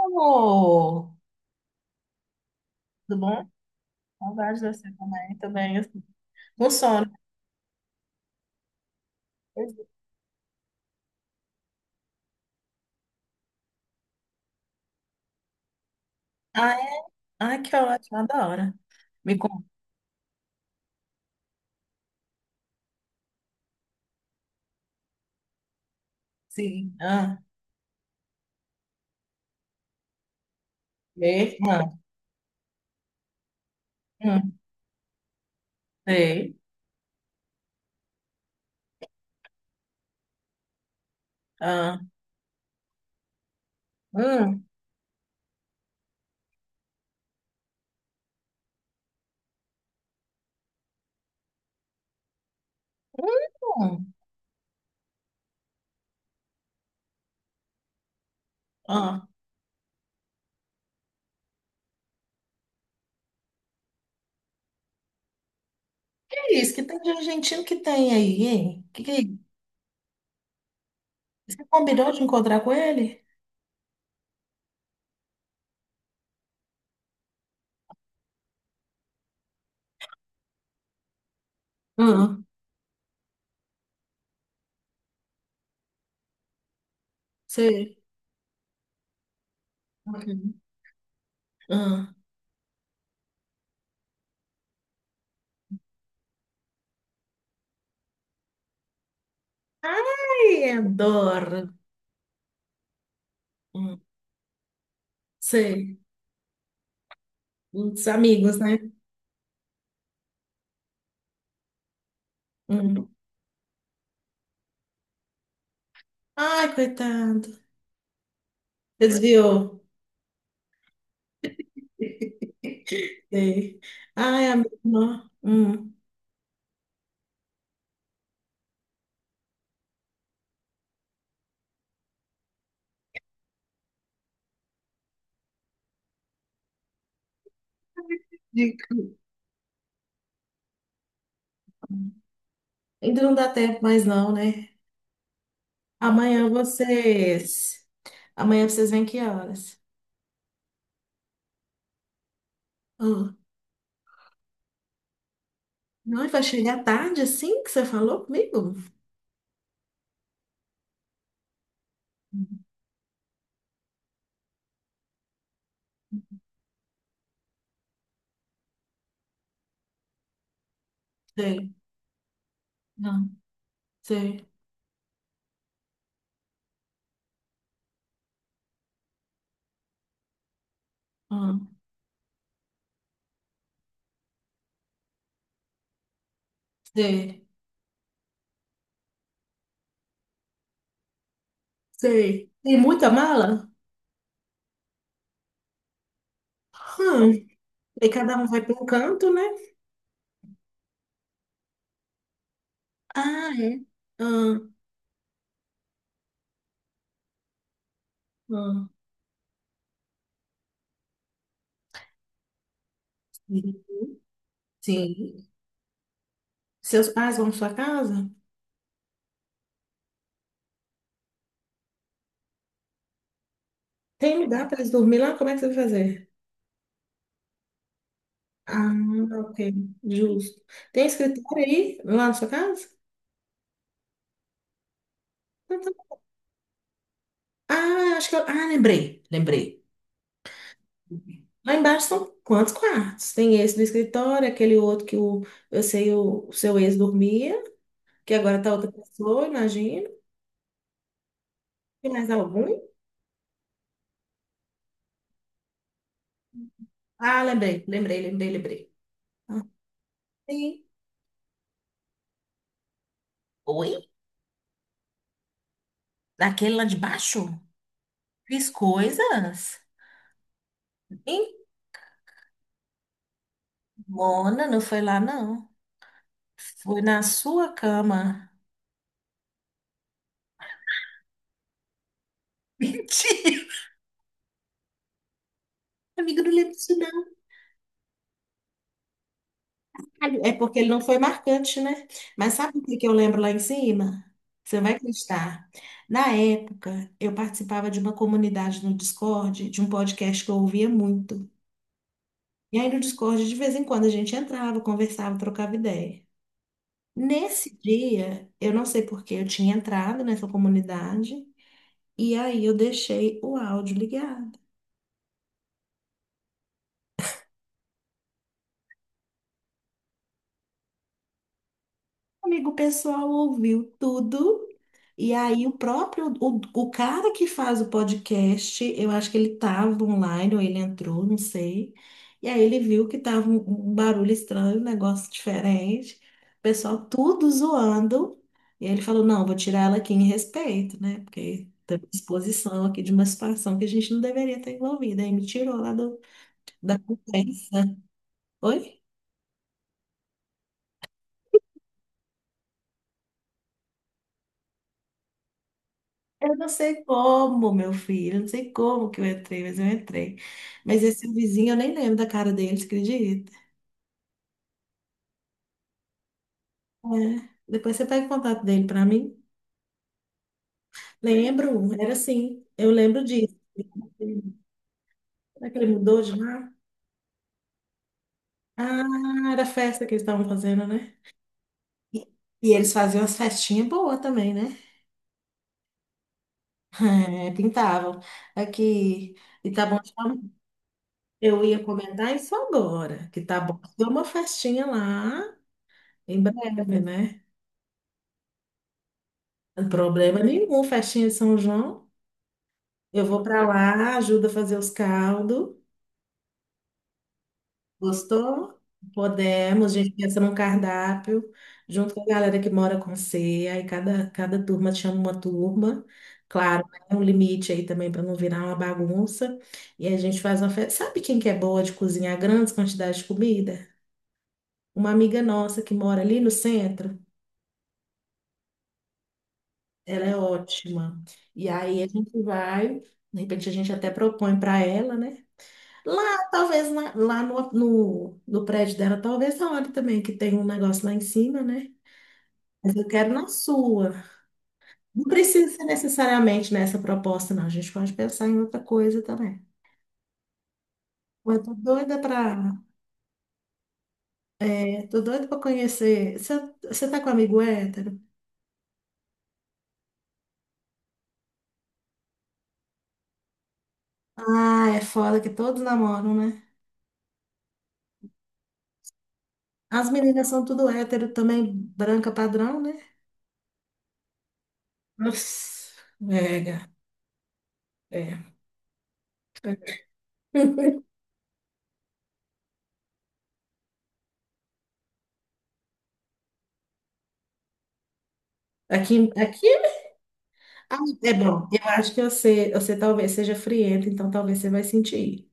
Amor, tudo bom? Saudades de você também, assim, com sono. Ah, é? Ai, que ótimo, adoro. Me conta. Sim. Ah, mesma. Hum, sei. Ah, hum, hum, ah. Que é isso? Que tem de argentino que tem aí, hein? Que... é Você combinou de encontrar com ele? Ah, sei. Uhum. Ah. Ai, adoro. Hum, sei. Os amigos, né? Hum. Ai, coitado. Desviou. Sei. Ai, a minha irmã. Hum. Digo, ainda não dá tempo mais não, né? Amanhã vocês... Amanhã vocês vêm que horas? Ah, não, vai chegar tarde assim que você falou comigo? Hum, Sei. Não. Sei. Ah, sei. Sei. Tem muita mala? Hum. E cada um vai para um canto, né? Ah, é? Ah, ah. Sim. Sim. Seus pais vão para sua casa? Tem me dá para eles dormirem lá? Como é que você vai fazer? Ah, ok, justo. Tem escritório aí, lá na sua casa? Então tá. Ah, acho que eu... Ah, lembrei, lembrei. Lá embaixo são quantos quartos? Tem esse do escritório, aquele outro que o, eu sei o seu ex dormia, que agora tá outra pessoa, imagino. Tem mais algum? Ah, lembrei, lembrei, lembrei, lembrei. Sim. Oi? Daquele lá de baixo? Fiz coisas? Hein? Mona, não foi lá, não. Foi na sua cama. Tia, amiga, não lembro disso, não. É porque ele não foi marcante, né? Mas sabe o que que eu lembro lá em cima? Você vai acreditar. Na época, eu participava de uma comunidade no Discord, de um podcast que eu ouvia muito. E aí no Discord, de vez em quando, a gente entrava, conversava, trocava ideia. Nesse dia, eu não sei por que eu tinha entrado nessa comunidade, e aí eu deixei o áudio ligado. Amigo, o pessoal ouviu tudo. E aí, o cara que faz o podcast, eu acho que ele estava online ou ele entrou, não sei. E aí, ele viu que um barulho estranho, um negócio diferente. O pessoal tudo zoando. E aí, ele falou: não, vou tirar ela aqui em respeito, né? Porque tem exposição aqui de uma situação que a gente não deveria estar envolvida. Aí, me tirou lá do, da conversa. Oi? Eu não sei como, meu filho, eu não sei como que eu entrei. Mas esse vizinho, eu nem lembro da cara dele, você acredita? É. Depois você pega o contato dele pra mim. Lembro, era assim, eu lembro disso. Será que ele mudou de lá? Ah, era a festa que eles estavam fazendo, né? E, e eles faziam as festinhas boas também, né? É, pintavam. Aqui, e tá bom. Eu ia comentar isso agora, que tá bom. Deu uma festinha lá em breve, né? Problema nenhum, festinha de São João. Eu vou para lá, ajuda a fazer os caldos. Gostou? Podemos, a gente pensa num cardápio, junto com a galera que mora com você. Aí cada turma chama uma turma. Claro, é um limite aí também para não virar uma bagunça. E a gente faz uma festa. Sabe quem que é boa de cozinhar grandes quantidades de comida? Uma amiga nossa que mora ali no centro. Ela é ótima. E aí a gente vai, de repente a gente até propõe para ela, né? Lá, talvez, lá no prédio dela, talvez a hora também, que tem um negócio lá em cima, né? Mas eu quero na sua. Não precisa ser necessariamente nessa proposta, não. A gente pode pensar em outra coisa também. Eu tô doida pra, é, tô doida pra conhecer. Você tá com amigo hétero? Ah, é foda que todos namoram, né? As meninas são tudo hétero também, branca padrão, né? Nossa, mega. É. Aqui ah, é bom. Eu acho que você talvez seja frienta, então talvez você vai sentir.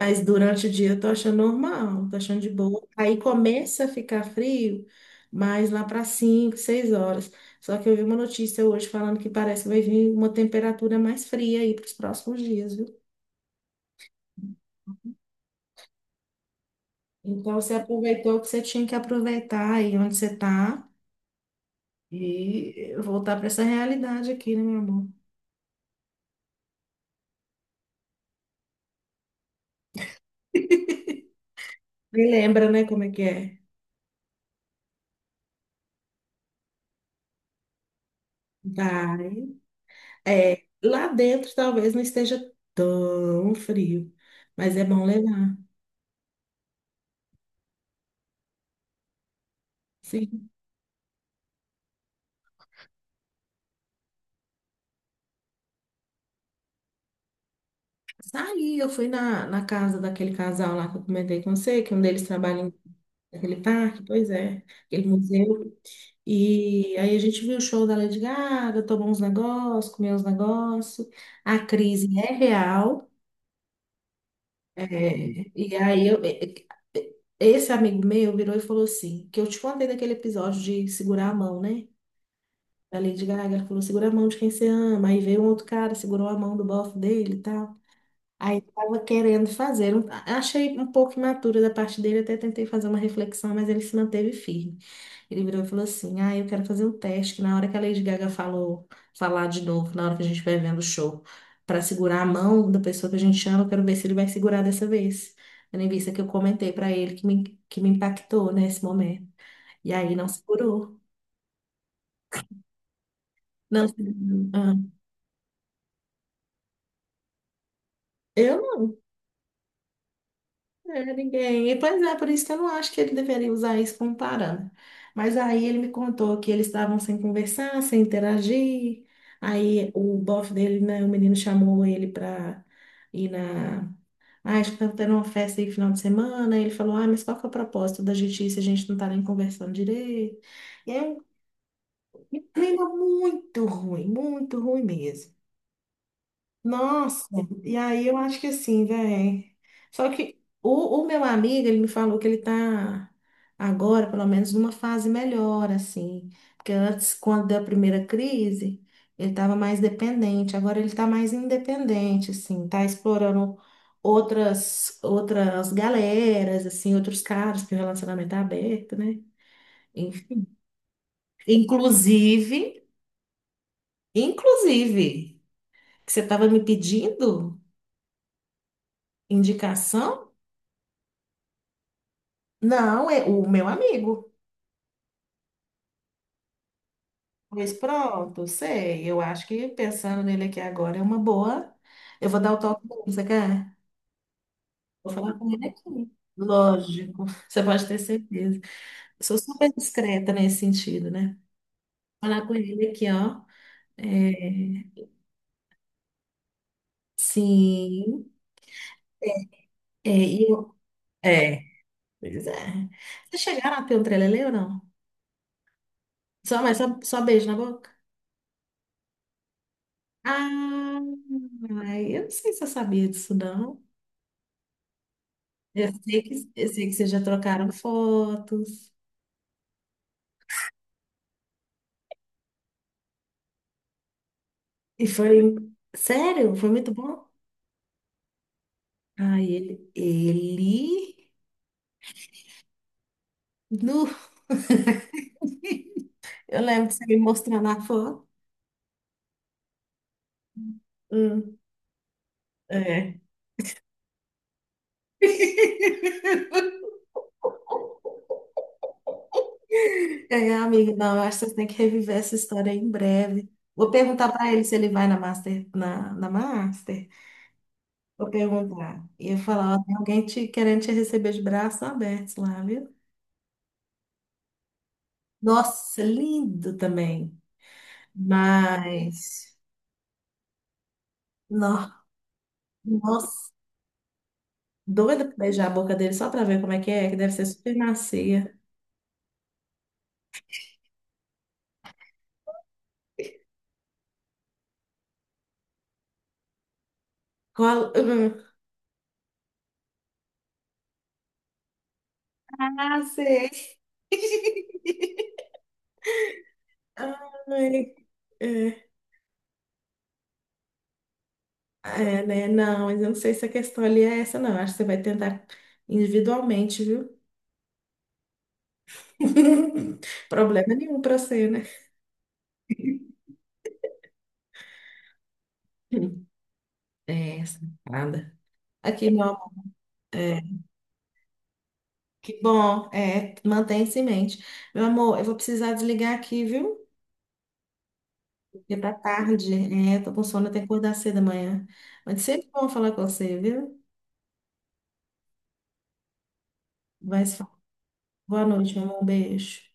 Mas durante o dia eu tô achando normal, tô achando de boa. Aí começa a ficar frio, mas lá para 5, 6 horas. Só que eu vi uma notícia hoje falando que parece que vai vir uma temperatura mais fria aí para os próximos dias, viu? Então você aproveitou o que você tinha que aproveitar aí onde você tá e voltar para essa realidade aqui, né, meu amor? Me lembra, né, como é que é? Vai. É, lá dentro talvez não esteja tão frio, mas é bom levar. Sim. Saí, eu fui na casa daquele casal lá que eu comentei com você, que um deles trabalha em- naquele parque, pois é, aquele museu. E aí a gente viu o show da Lady Gaga, tomou uns negócios, comeu uns negócios. A crise é real. É, e aí eu, e- esse amigo meu virou e falou assim, que eu te contei daquele episódio de segurar a mão, né? Da Lady Gaga, ela falou, segura a mão de quem você ama. Aí veio um outro cara, segurou a mão do bofe dele e tal. Aí tava querendo fazer. Um- Achei um pouco imatura da parte dele, até tentei fazer uma reflexão, mas ele se manteve firme. Ele virou e falou assim: ah, eu quero fazer um teste, que na hora que a Lady Gaga falou, falar de novo, na hora que a gente vai vendo o show, para segurar a mão da pessoa que a gente ama, eu quero ver se ele vai segurar dessa vez. Tendo em vista que eu comentei para ele que que me impactou nesse momento. E aí não segurou. Não segurou. Ah, eu não. É, ninguém. E, pois é, por isso que eu não acho que ele deveria usar isso como parâmetro. Mas aí ele me contou que eles estavam sem conversar, sem interagir. Aí o bofe dele, né, o menino chamou ele para ir na. Ah, acho que estava tendo uma festa aí no final de semana. Ele falou: ah, mas qual que é o propósito da justiça? A gente não está nem conversando direito. E é um clima muito ruim mesmo. Nossa, e aí eu acho que assim, velho. Só que o meu amigo, ele me falou que ele tá agora, pelo menos, numa fase melhor, assim. Porque antes, quando deu a primeira crise, ele tava mais dependente. Agora ele tá mais independente, assim. Tá explorando outras galeras, assim, outros caras, porque o relacionamento é aberto, né? In- Inclusive, inclusive, que você tava me pedindo indicação. Não, é o meu amigo. Pois pronto, sei. Eu acho que pensando nele aqui agora é uma boa. Eu vou dar o toque dele, você quer? Vou falar com ele aqui. Lógico, você pode ter certeza. Eu sou super discreta nesse sentido, né? Vou falar com ele aqui, ó. É, sim. É, e eu, é, pois é. Vocês chegaram a ter um trelelê ou não? Mas só beijo na boca? Ah, ai, eu não sei se eu sabia disso, não. Eu sei eu sei que vocês já trocaram fotos. E foi, sério, foi muito bom. Ah, ele, nu, eu lembro de você me mostrando a foto. Hum, é. É, amigo, não, eu acho que vocês têm que reviver essa história em breve. Vou perguntar para ele se ele vai na Master, na Master. Vou perguntar. E eu falar, ó, tem alguém te, querendo te receber de braços abertos lá, viu? Nossa, lindo também. Mas, não. Nossa, doida pra beijar a boca dele só pra ver como é, que deve ser super macia. Qual... hum, Ah, sei. Ai, é, é, né? Não, mas eu não sei se a questão ali é essa, não. Acho que você vai tentar individualmente, viu? Problema nenhum pra você, né? É, essa, nada. Aqui, meu amor, é, que bom, é, mantém-se em mente. Meu amor, eu vou precisar desligar aqui, viu? Porque tá tarde, é, tô com sono, eu tenho que acordar cedo amanhã. Mas sempre bom falar com você, viu? Vai se falar. Boa noite, meu amor. Um beijo.